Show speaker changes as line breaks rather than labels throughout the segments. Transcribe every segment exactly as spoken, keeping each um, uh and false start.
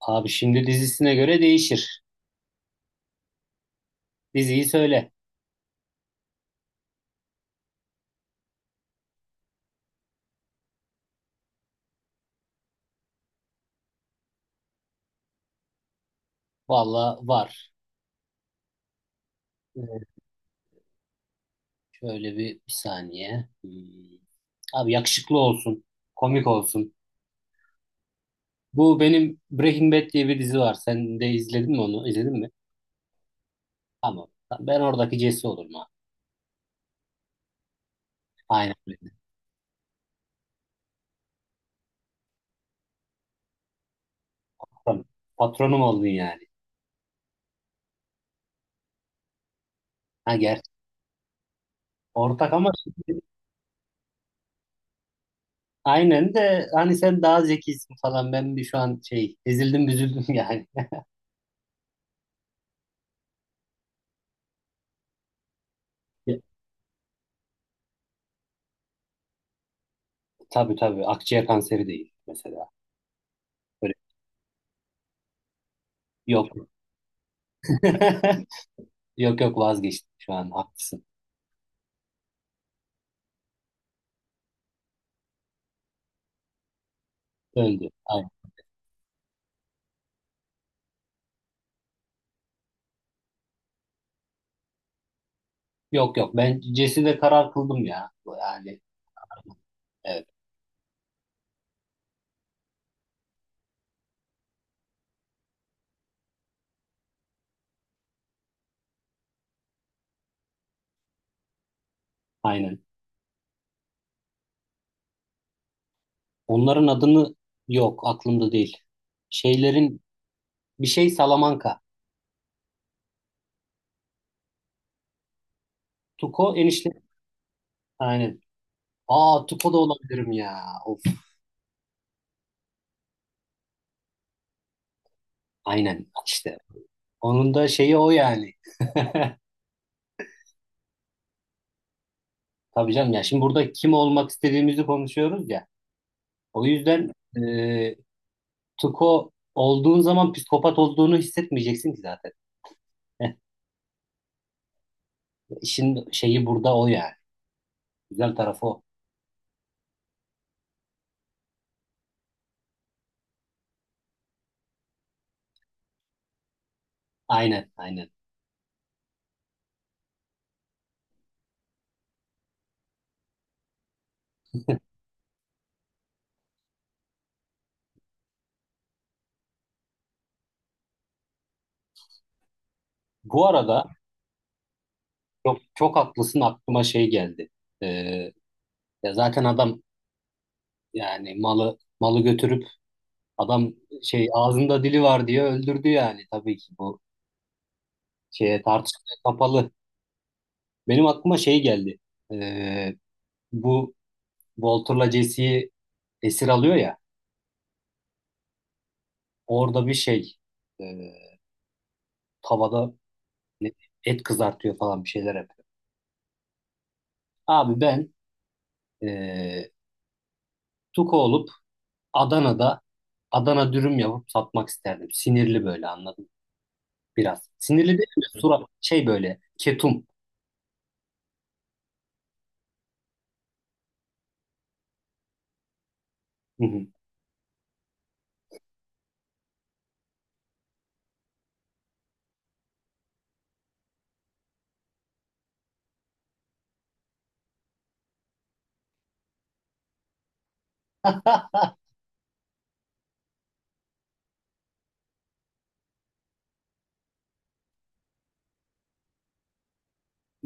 Abi şimdi dizisine göre değişir. Diziyi söyle. Valla var. Ee, Şöyle bir, bir saniye. Hmm. Abi yakışıklı olsun. Komik olsun. Bu benim Breaking Bad diye bir dizi var. Sen de izledin mi onu? İzledin mi? Tamam. Tamam, ben oradaki Jesse olurum abi. Aynen öyle. Patronum. Patronum oldun yani. Ha gerçi. Ortak ama şimdi- aynen de hani sen daha zekisin falan. Ben bir şu an şey ezildim büzüldüm yani. Tabii tabii. Akciğer kanseri değil mesela. Böyle yok. Yok yok vazgeçtim şu an haklısın. Öldü. Aynen. Yok yok ben Jesse'de karar kıldım ya. Yani evet aynen. Onların adını yok aklımda değil. Şeylerin bir şey Salamanca. Tuko enişte. Aynen. Aa Tuko da olabilirim ya. Of. Aynen işte. Onun da şeyi o yani. Tabii canım ya şimdi burada kim olmak istediğimizi konuşuyoruz ya. O yüzden e, Tuko olduğun zaman psikopat olduğunu hissetmeyeceksin ki zaten. İşin şeyi burada o yani. Güzel tarafı o. Aynen, aynen. Bu arada çok çok haklısın aklıma şey geldi. Ee, Ya zaten adam yani malı malı götürüp adam şey ağzında dili var diye öldürdü yani tabii ki bu şeye tartışmaya kapalı. Benim aklıma şey geldi. Ee, Bu Walter'la Jesse'yi esir alıyor ya orada bir şey e, tavada et kızartıyor falan bir şeyler yapıyor. Abi ben e, Tuko olup Adana'da Adana dürüm yapıp satmak isterdim. Sinirli böyle anladım biraz. Sinirli değil mi? Surat şey böyle ketum. Hı hı.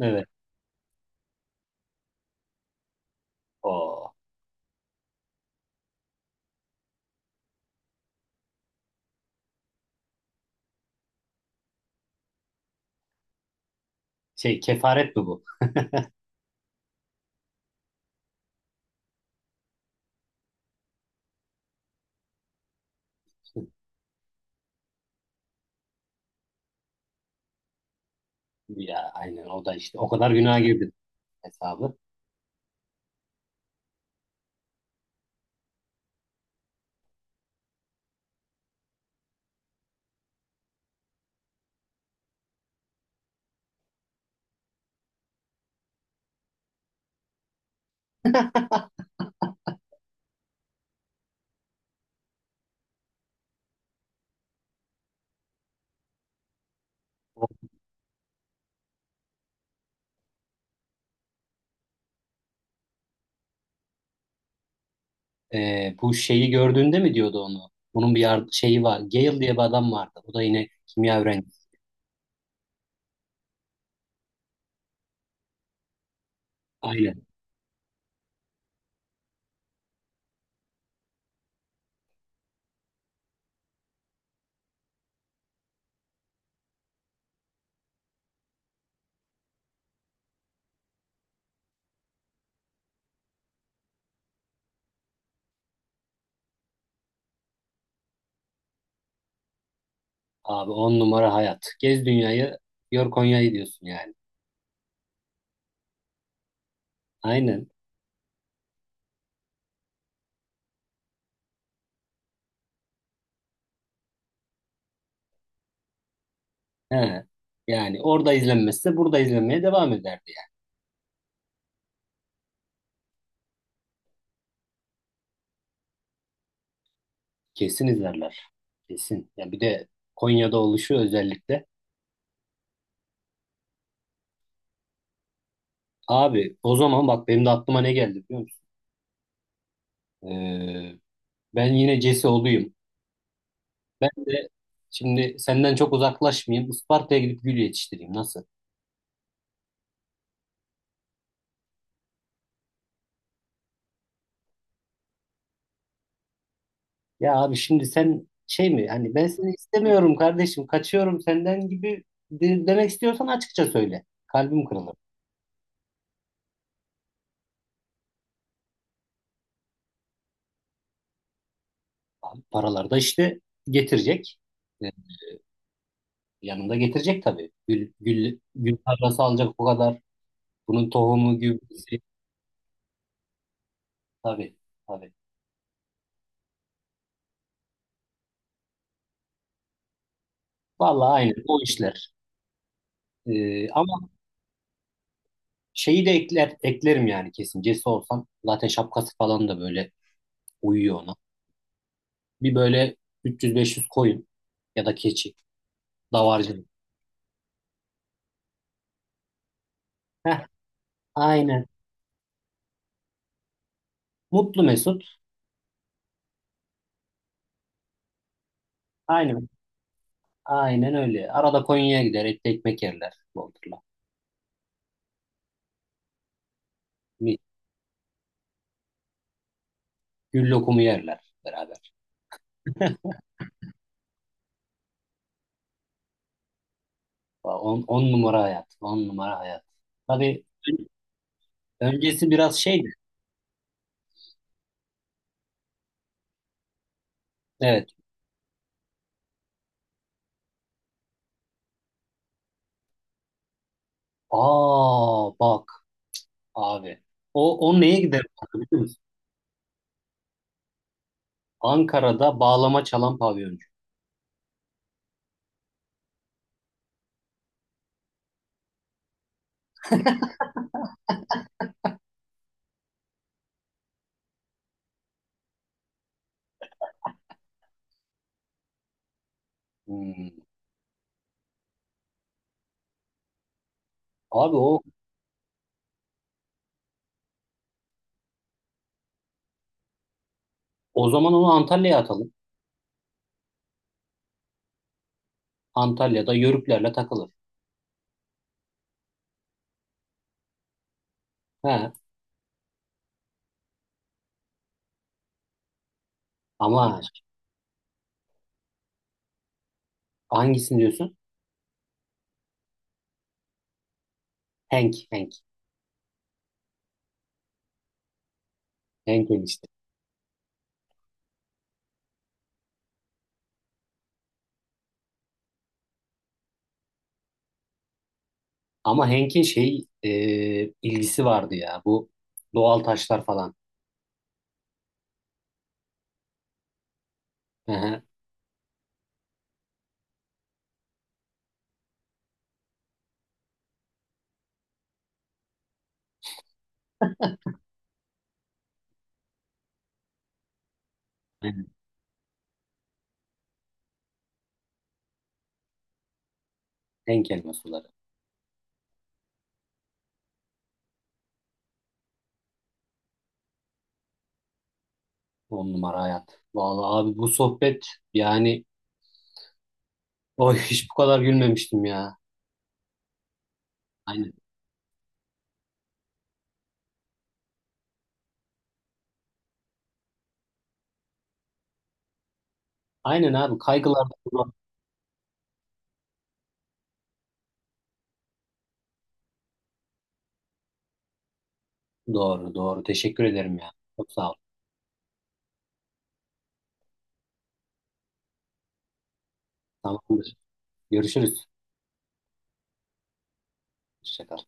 Evet. O şey kefaret mi bu? Ya aynen o da işte o kadar günaha girdi hesabı. Ee, bu şeyi gördüğünde mi diyordu onu? Bunun bir yar- şeyi var. Gale diye bir adam vardı. O da yine kimya öğrencisi. Aynen. Abi on numara hayat. Gez dünyayı, gör Konya'yı diyorsun yani. Aynen. He. Yani orada izlenmezse burada izlenmeye devam eder. Kesin izlerler. Kesin. Ya bir de Konya'da oluşu özellikle. Abi o zaman bak benim de aklıma ne geldi biliyor musun? Ee, Ben yine Cesi olayım. Ben de şimdi senden çok uzaklaşmayayım. Isparta'ya gidip gül yetiştireyim. Nasıl? Ya abi şimdi sen şey mi? Hani ben seni istemiyorum kardeşim. Kaçıyorum senden gibi de- demek istiyorsan açıkça söyle. Kalbim kırılır. Abi, paralar da işte getirecek. Ee, Yanında getirecek tabii. Gül, gül, gül parası alacak o kadar. Bunun tohumu, gübresi, tabii, tabii. Vallahi aynen o işler. Ee, ama şeyi de ekler, eklerim yani kesin. Cesi olsam zaten şapkası falan da böyle uyuyor ona. Bir böyle üç yüz beş yüz koyun ya da keçi, davarcılık. Heh, aynen. Mutlu Mesut. Aynen. Aynen öyle. Arada Konya'ya gider, etli ekmek yerler Bodrum'la. Mis. Gül lokumu yerler beraber. On, on numara hayat. On numara hayat. Tabii ön- öncesi biraz şeydi. Evet. Aa bak. Abi. O, o neye gider biliyor musun? Ankara'da bağlama çalan pavyoncu. Hmm. Abi o o zaman onu Antalya'ya atalım. Antalya'da yörüklerle takılır. He. Ama hangisini diyorsun? Henk, Henk. Henk enişte. Ama Henk'in şey e, ilgisi vardı ya. Bu doğal taşlar falan. Hı hı. Aynen. Henk elma suları. On numara hayat. Vallahi abi bu sohbet yani oy hiç bu kadar gülmemiştim ya. Aynen. Aynen abi kaygılar. Doğru, doğru. Teşekkür ederim ya. Çok sağ ol. Tamamdır. Görüşürüz. Hoşça kal.